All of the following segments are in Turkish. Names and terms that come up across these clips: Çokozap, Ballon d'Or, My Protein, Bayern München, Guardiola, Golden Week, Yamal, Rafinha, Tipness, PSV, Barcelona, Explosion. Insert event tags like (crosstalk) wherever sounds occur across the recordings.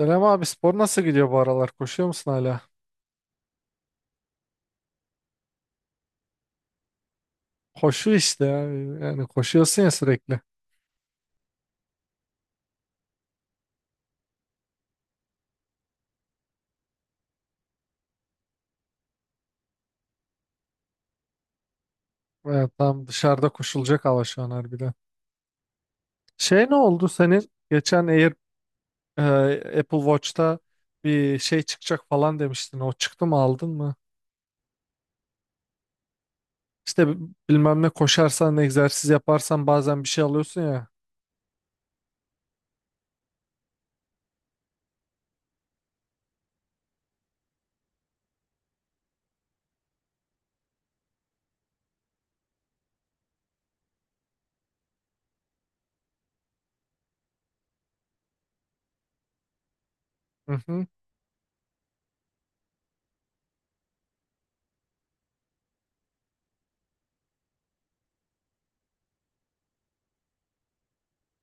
Selam abi, spor nasıl gidiyor bu aralar? Koşuyor musun hala? Koşu işte ya. Yani koşuyorsun ya sürekli. Evet, tam dışarıda koşulacak hava şu an harbiden. Şey, ne oldu senin? Geçen Air, e, Apple Watch'ta bir şey çıkacak falan demiştin. O çıktı mı, aldın mı? İşte bilmem ne, koşarsan, egzersiz yaparsan bazen bir şey alıyorsun ya. Hı hı.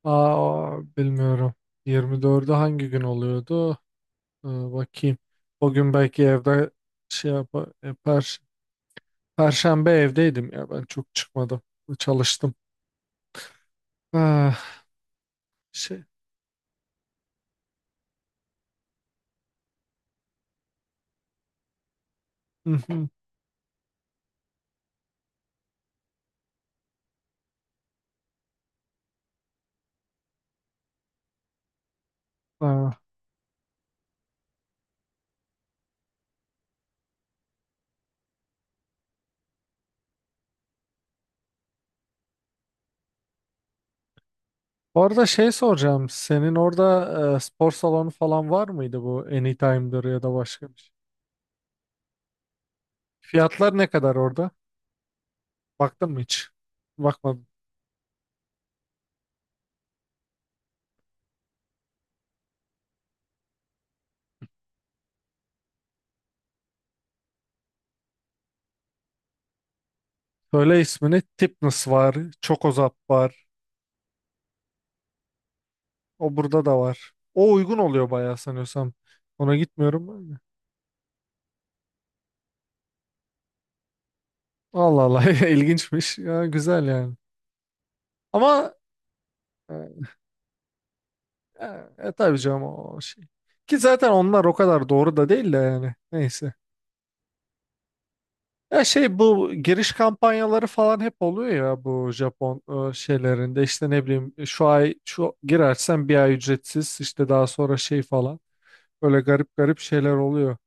Aa, bilmiyorum. 24'ü hangi gün oluyordu? Bakayım. O gün belki evde şey yap yapar. Perşembe evdeydim ya, ben çok çıkmadım. Çalıştım. Ah, şey. Hı hı. Ah. Orada şey soracağım. Senin orada spor salonu falan var mıydı, bu Anytime'dır ya da başka bir şey? Fiyatlar ne kadar orada? Baktın mı hiç? Bakmadım. Söyle ismini. Tipness var. Çokozap var. O burada da var. O uygun oluyor bayağı, sanıyorsam. Ona gitmiyorum ben de. Allah Allah, (laughs) ilginçmiş. Ya, güzel yani. Ama ya, tabii canım, o şey. Ki zaten onlar o kadar doğru da değil de yani. Neyse. Ya şey, bu giriş kampanyaları falan hep oluyor ya bu Japon şeylerinde, işte ne bileyim, şu ay şu girersen bir ay ücretsiz, işte daha sonra şey falan, böyle garip garip şeyler oluyor.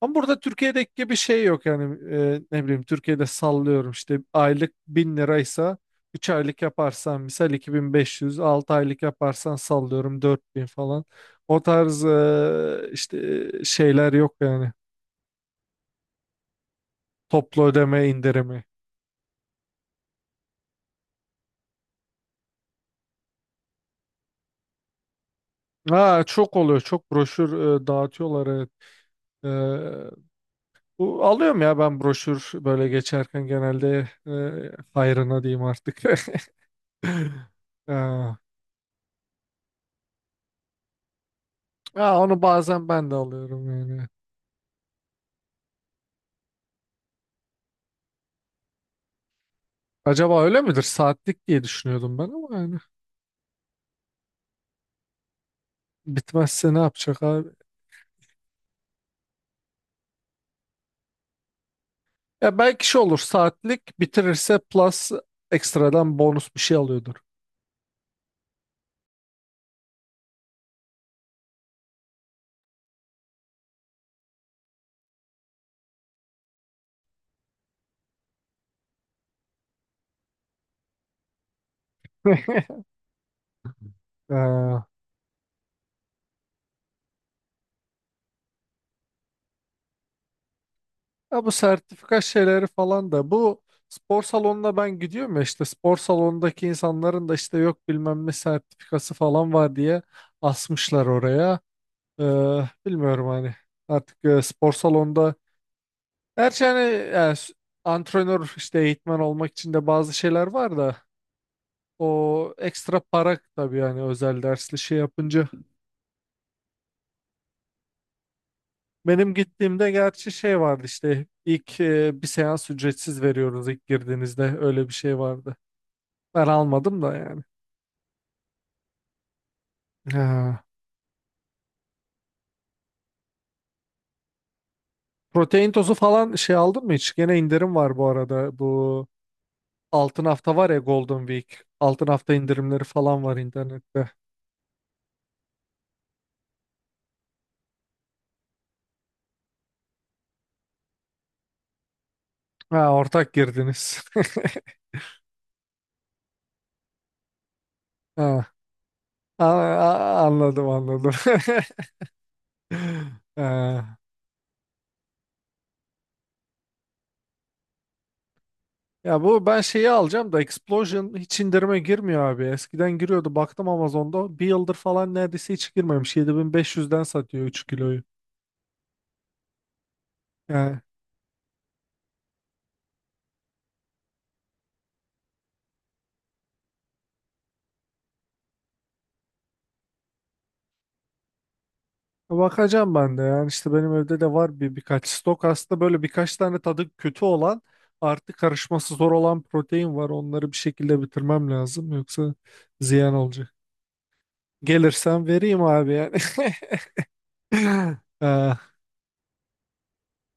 Ama burada Türkiye'deki gibi bir şey yok yani, ne bileyim, Türkiye'de sallıyorum işte aylık 1000 liraysa 3 aylık yaparsan misal 2500, 6 aylık yaparsan sallıyorum 4000 falan, o tarz işte şeyler yok yani, toplu ödeme indirimi. Ha, çok oluyor, çok broşür dağıtıyorlar, evet. E, Bu alıyorum ya ben broşür, böyle geçerken genelde, hayrına diyeyim artık. (laughs) Ha. Ha, onu bazen ben de alıyorum yani. Acaba öyle midir? Saatlik diye düşünüyordum ben, ama yani bitmezse ne yapacak abi? Ya, belki şey olur, saatlik bitirirse plus, ekstradan bonus bir şey alıyordur. (laughs) Ee, ya bu sertifika şeyleri falan da, bu spor salonuna ben gidiyorum ya, işte spor salonundaki insanların da işte, yok bilmem ne sertifikası falan var diye asmışlar oraya. Ee, bilmiyorum hani, artık spor salonunda, gerçi hani, e, s- antrenör, işte eğitmen olmak için de bazı şeyler var da. O ekstra para tabii yani, özel dersli şey yapınca. Benim gittiğimde gerçi şey vardı işte, ilk bir seans ücretsiz veriyoruz ilk girdiğinizde, öyle bir şey vardı. Ben almadım da yani. Ha. Protein tozu falan şey aldın mı hiç? Gene indirim var bu arada. Bu altın hafta var ya, Golden Week. Altın hafta indirimleri falan var internette. Ha, ortak girdiniz. (laughs) Ha. Anladım, anladım. (laughs) Ha. Ya, bu ben şeyi alacağım da, Explosion hiç indirime girmiyor abi. Eskiden giriyordu, baktım Amazon'da. Bir yıldır falan neredeyse hiç girmemiş. 7500'den satıyor 3 kiloyu. Yani bakacağım ben de. Yani işte benim evde de var birkaç stok. Aslında böyle birkaç tane tadı kötü olan, artı karışması zor olan protein var. Onları bir şekilde bitirmem lazım. Yoksa ziyan olacak. Gelirsem vereyim abi yani. (laughs) Ee,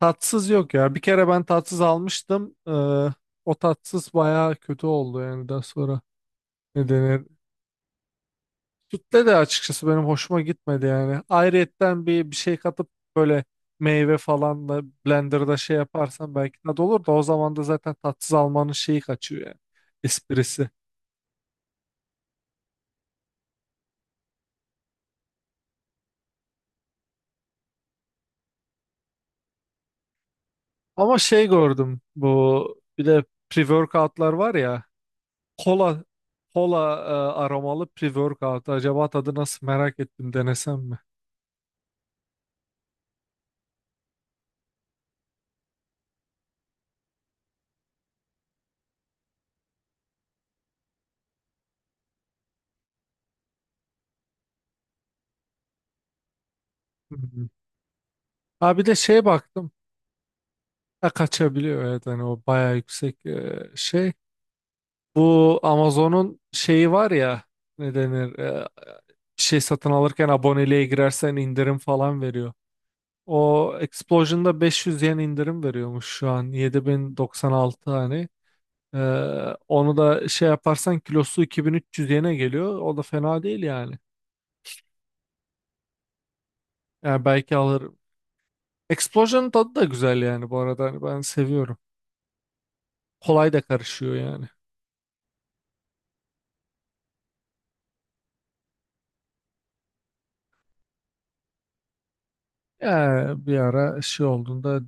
tatsız yok ya. Bir kere ben tatsız almıştım. O tatsız bayağı kötü oldu yani, daha sonra. Ne denir? Sütle de açıkçası benim hoşuma gitmedi yani. Ayrıyetten bir şey katıp, böyle meyve falan da blenderda şey yaparsan belki tadı olur da, o zaman da zaten tatsız almanın şeyi kaçıyor yani. Esprisi. Ama şey gördüm, bu bir de pre-workoutlar var ya, Kola kola aromalı pre-workout. Acaba tadı nasıl, merak ettim, denesem mi? Hmm. Ha, bir de şeye baktım. Ha, kaçabiliyor, evet, hani o bayağı yüksek şey. Bu Amazon'un şeyi var ya, ne denir, bir şey satın alırken aboneliğe girersen indirim falan veriyor. O Explosion'da 500 yen indirim veriyormuş şu an, 7096 hani. E, onu da şey yaparsan kilosu 2300 yene geliyor. O da fena değil yani. Yani belki alırım. Explosion'ın tadı da güzel yani bu arada. Hani ben seviyorum. Kolay da karışıyor yani. Ya bir ara şey olduğunda,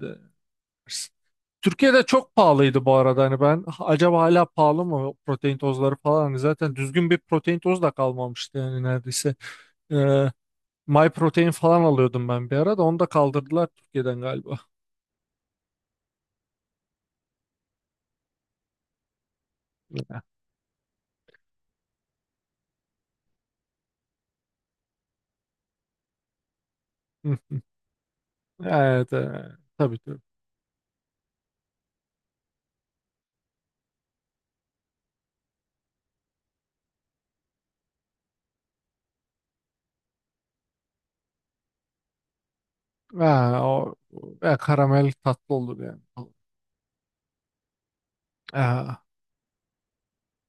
Türkiye'de çok pahalıydı bu arada, hani ben, "Ha, acaba hala pahalı mı o protein tozları falan, hani zaten düzgün bir protein tozu da kalmamıştı yani neredeyse. Ee, My Protein falan alıyordum ben bir ara, da onu da kaldırdılar Türkiye'den galiba. Hı. Evet, tabii tabii. Ha, o, karamel tatlı olur yani. Ha,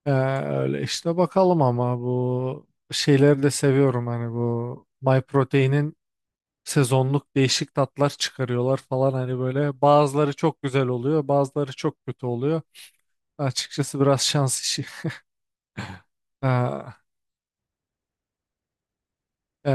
e, öyle işte bakalım, ama bu şeyleri de seviyorum hani, bu My, sezonluk değişik tatlar çıkarıyorlar falan, hani böyle bazıları çok güzel oluyor bazıları çok kötü oluyor açıkçası, biraz şans işi. (laughs) Ha, e,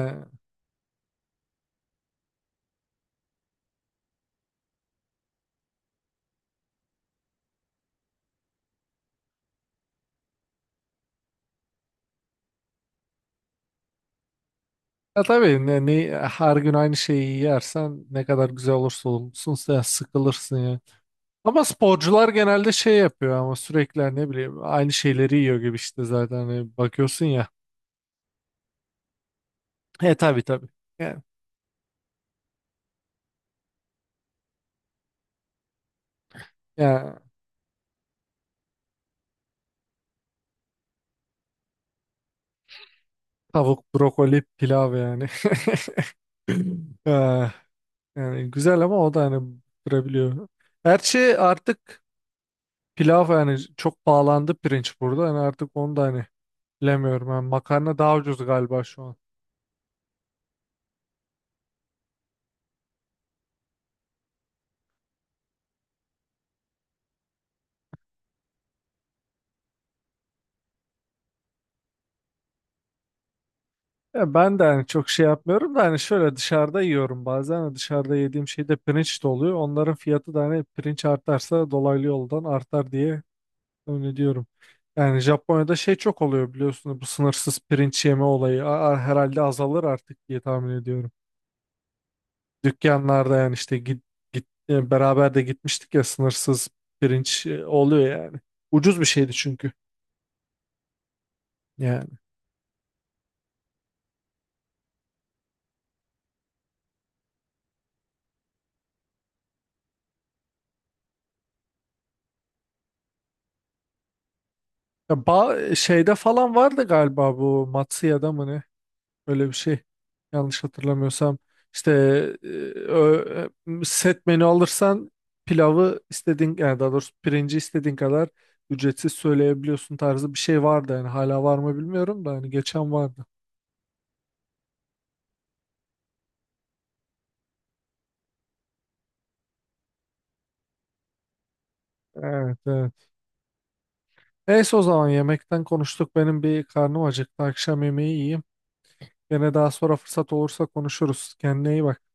ya tabii, her gün aynı şeyi yersen ne kadar güzel olursa olsun sen sıkılırsın ya, ama sporcular genelde şey yapıyor ama, sürekli hani ne bileyim aynı şeyleri yiyor gibi işte, zaten hani bakıyorsun ya, e tabii tabii yani, yani tavuk, brokoli, pilav yani. (laughs) (laughs) Ee, yani güzel ama, o da hani durabiliyor. Her şey artık, pilav yani çok pahalandı pirinç burada. Yani artık onu da hani bilemiyorum. Yani makarna daha ucuz galiba şu an. Ya ben de hani çok şey yapmıyorum da, hani şöyle dışarıda yiyorum bazen. Hani dışarıda yediğim şey de pirinç de oluyor. Onların fiyatı da hani, pirinç artarsa dolaylı yoldan artar diye öyle diyorum. Yani Japonya'da şey çok oluyor biliyorsunuz, bu sınırsız pirinç yeme olayı, herhalde azalır artık diye tahmin ediyorum dükkanlarda yani, işte git beraber de gitmiştik ya, sınırsız pirinç oluyor yani. Ucuz bir şeydi çünkü yani. Ya şeyde falan vardı galiba, bu Matsuya'da mı ne? Öyle bir şey. Yanlış hatırlamıyorsam. İşte e, ö- set menü alırsan pilavı istediğin, yani daha doğrusu pirinci istediğin kadar ücretsiz söyleyebiliyorsun tarzı bir şey vardı yani, hala var mı bilmiyorum da hani geçen vardı. Evet, evet. Neyse, o zaman yemekten konuştuk. Benim bir karnım acıktı. Akşam yemeği yiyeyim. Gene daha sonra fırsat olursa konuşuruz. Kendine iyi bak.